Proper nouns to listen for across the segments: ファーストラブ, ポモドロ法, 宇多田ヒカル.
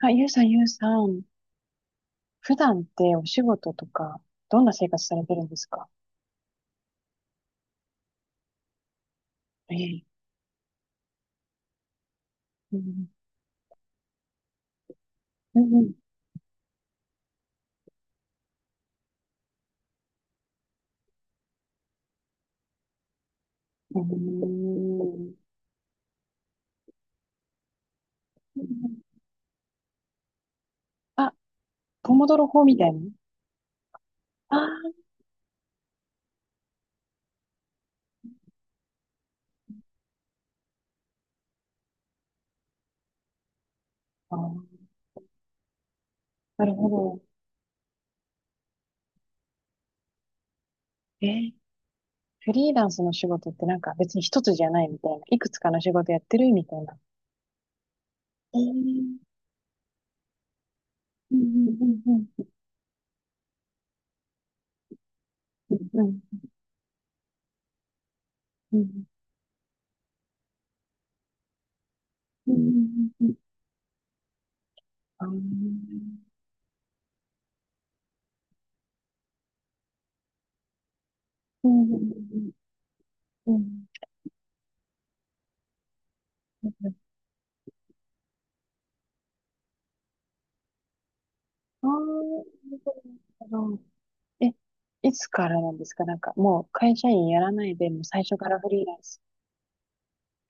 あ、ゆうさん、ゆうさん。普段ってお仕事とか、どんな生活されてるんですか？ええ。うん。うん。うん。うーん。あ、ポモドロ法みたいな。あーあー、なるほど。ええ。フリーランスの仕事ってなんか別に一つじゃないみたいな。いくつかの仕事やってるみたいな。ええ。うん。うん。うん。うん。うん。うん。うん。うん、あー、うん。うん。うん。ああ、なるほど。え、いつからなんですか？なんか、もう会社員やらないで、もう最初からフリーランス？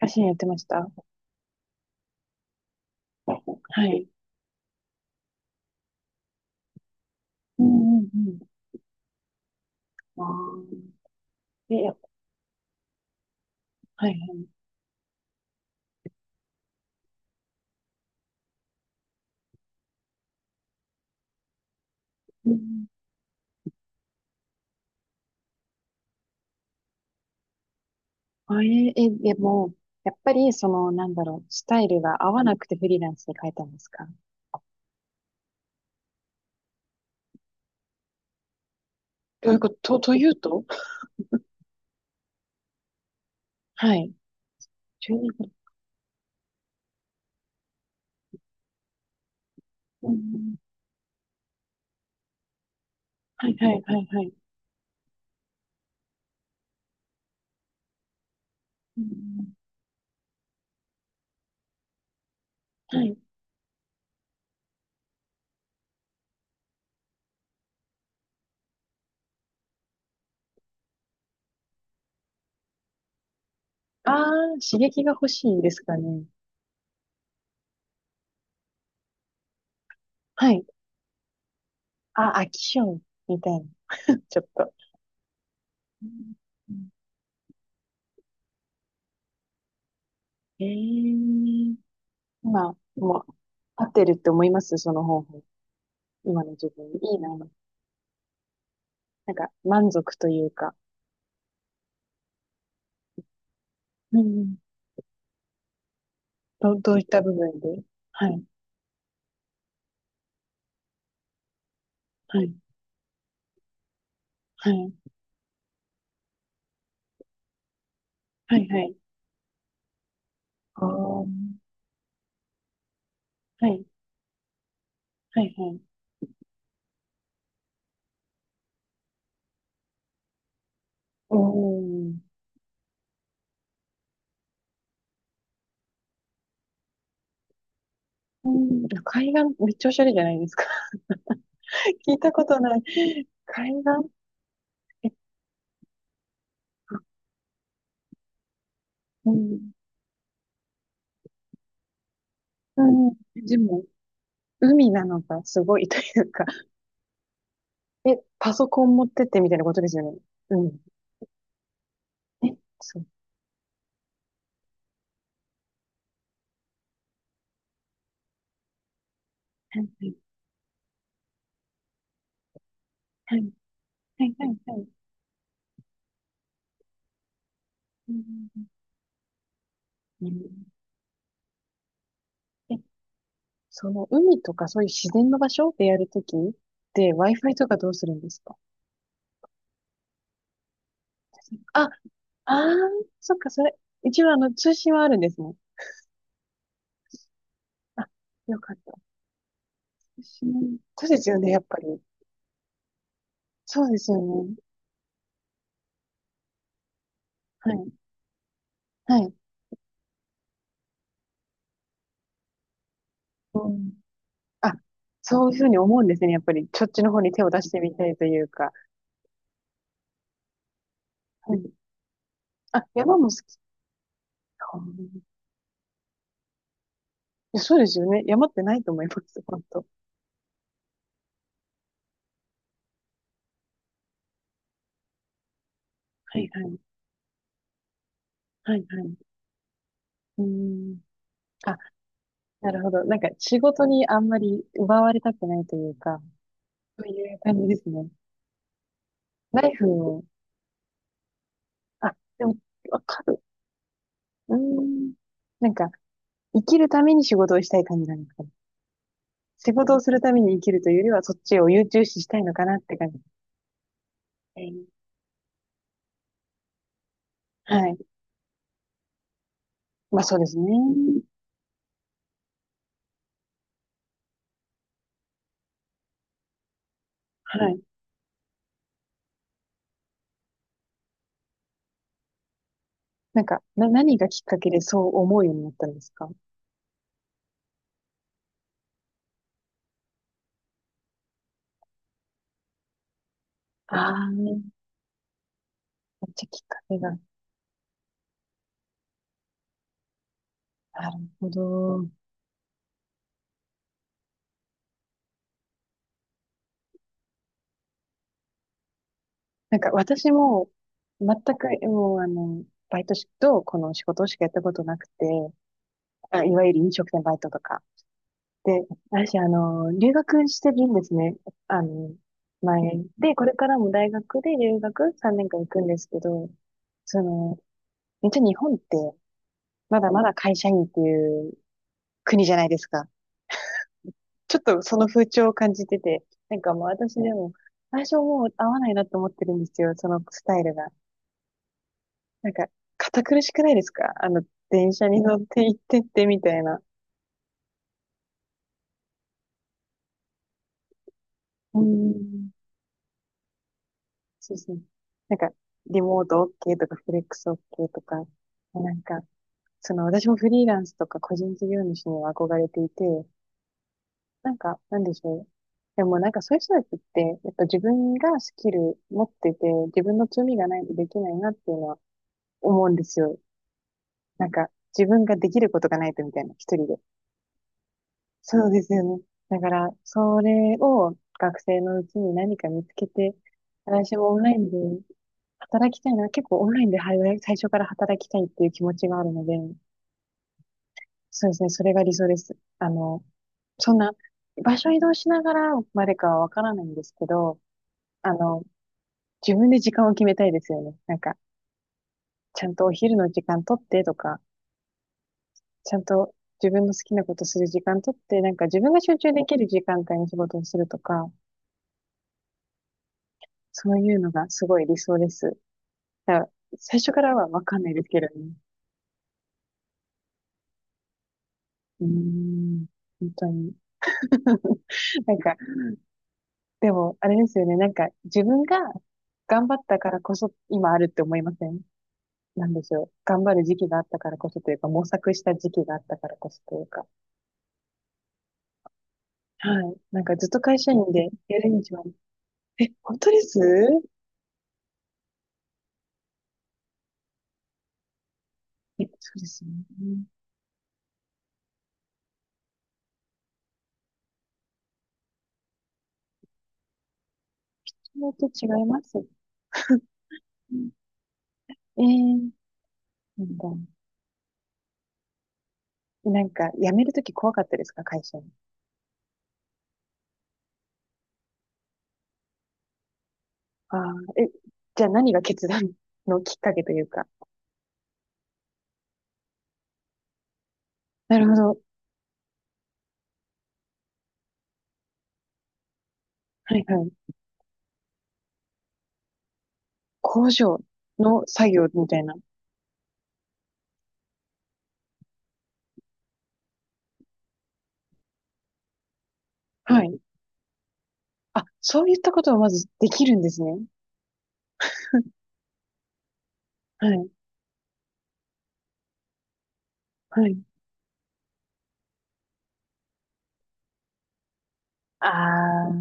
写真やってました？はい。うん、うん、うん。ああ。え、やっ、はい。うん、あ、でも、やっぱり、その、なんだろう、スタイルが合わなくてフリーランスで変えたんですか？どういうこと、というと。はい。12年。うん、うん、はい、はい、はい、はい。うん、うん、はい。ああ、刺激が欲しいですかね。はい。あ、飽き性みたいな。ちょっと。うん。ええ。今、もう、合ってるって思います？その方法。今の自分に。いいな。なんか、満足というか。うん、うん。どういった部分で？はい、はい、はい、はい、はい。ああ、はい、はい、はい。おん。うん、海岸、めっちゃおしゃれじゃないですか。聞いたことない。海岸、え、うん。うん。でも、海なのがすごいというか、え、パソコン持ってってみたいなことですよね。うん。え、そう。はい、はい、はい、はい。うん、うん、うん、うん、え、その海とかそういう自然の場所でやるときって Wi-Fi とかどうするんですか？あ、あー、そっか、それ。一応あの通信はあるんですね。あ、よかった。通信。そうですよね、やっぱり。そうですよね。はい、はい。うん。あ、そういうふうに思うんですね。やっぱり、そっちの方に手を出してみたいというか。はい。あ、山も好きか。いや、そうですよね。山ってないと思います、本当。はい、はい、はい、はい。うん。あ、なるほど。なんか仕事にあんまり奪われたくないというか、そういう感じですね。ナイフを、あ、でも、わかる。うーん。なんか、生きるために仕事をしたい感じなんですかね。仕事をするために生きるというよりは、そっちを優中視したいのかなって感じ。えーはい。まあそうですね。はい。なんか、何がきっかけでそう思うようになったんですか？ああー、めっちゃきっかけが。なるほど。なんか私も全くもうあの、バイトしとこの仕事しかやったことなくて、あ、いわゆる飲食店バイトとか。で、私あの、留学してるんですね。あの、前。で、これからも大学で留学3年間行くんですけど、その、めっちゃ日本ってまだまだ会社員っていう国じゃないですか。ちょっとその風潮を感じてて、なんかもう私でも最初もう合わないなと思ってるんですよ、そのスタイルが。なんか、堅苦しくないですか？あの、電車に乗って行ってってみたいな。うん。そうそう。なんか、リモート OK とか、フレックス OK とか、なんか、その、私もフリーランスとか個人事業主には憧れていて、なんか、なんでしょう。でもなんかそういう人たちって、やっぱ自分がスキル持ってて、自分の強みがないとできないなっていうのは思うんですよ。なんか、自分ができることがないとみたいな、一人で。そうですよね。だから、それを学生のうちに何か見つけて、私もオンラインで働きたいな。結構オンラインではい最初から働きたいっていう気持ちがあるので、そうですね。それが理想です。あの、そんな、場所移動しながらまでかはわからないんですけど、あの、自分で時間を決めたいですよね。なんか、ちゃんとお昼の時間取ってとか、ちゃんと自分の好きなことする時間取って、なんか自分が集中できる時間帯に仕事をするとか、そういうのがすごい理想です。だから最初からはわかんないですけどね。うーん、本当に。なんか、でも、あれですよね。なんか、自分が頑張ったからこそ今あるって思いません？なんでしょう。頑張る時期があったからこそというか、模索した時期があったからこそというか。はい。なんかずっと会社員でやるには、え、本当です？え、そうですよね。う、と違います。うん。えー、なんだ。なんか、辞めるとき怖かったですか、会社？ああ、え、じゃあ何が決断のきっかけというか。なるほど。はい、はい。工場の作業みたいな。はい。あ、そういったことをまずできるんですね。はい、はい。ああ、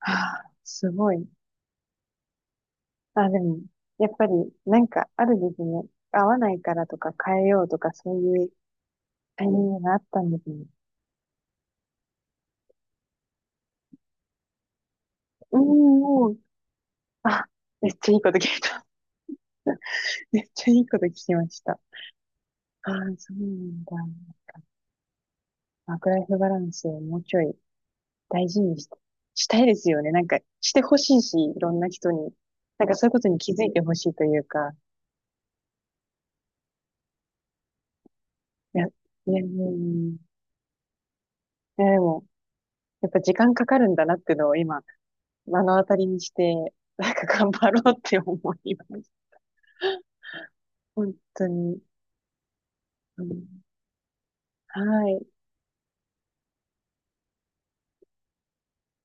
はあ、すごい。あ、でも、やっぱり、なんか、あるですね。合わないからとか変えようとか、そういうタイミングがあったんですね。うん、もう、あ、めっちゃいいこと聞いた。めっちゃいいこと聞きました。ああ、そうなんだ。ワークライフバランスをもうちょい大事にしたいですよね。なんか、してほしいし、いろんな人に。なんかそういうことに気づいてほしいというか、いや、いや、うん、いやでも、やっぱ時間かかるんだなっていうのを今、目の当たりにして、なんか頑張ろうって思います。本当に。うん、はい。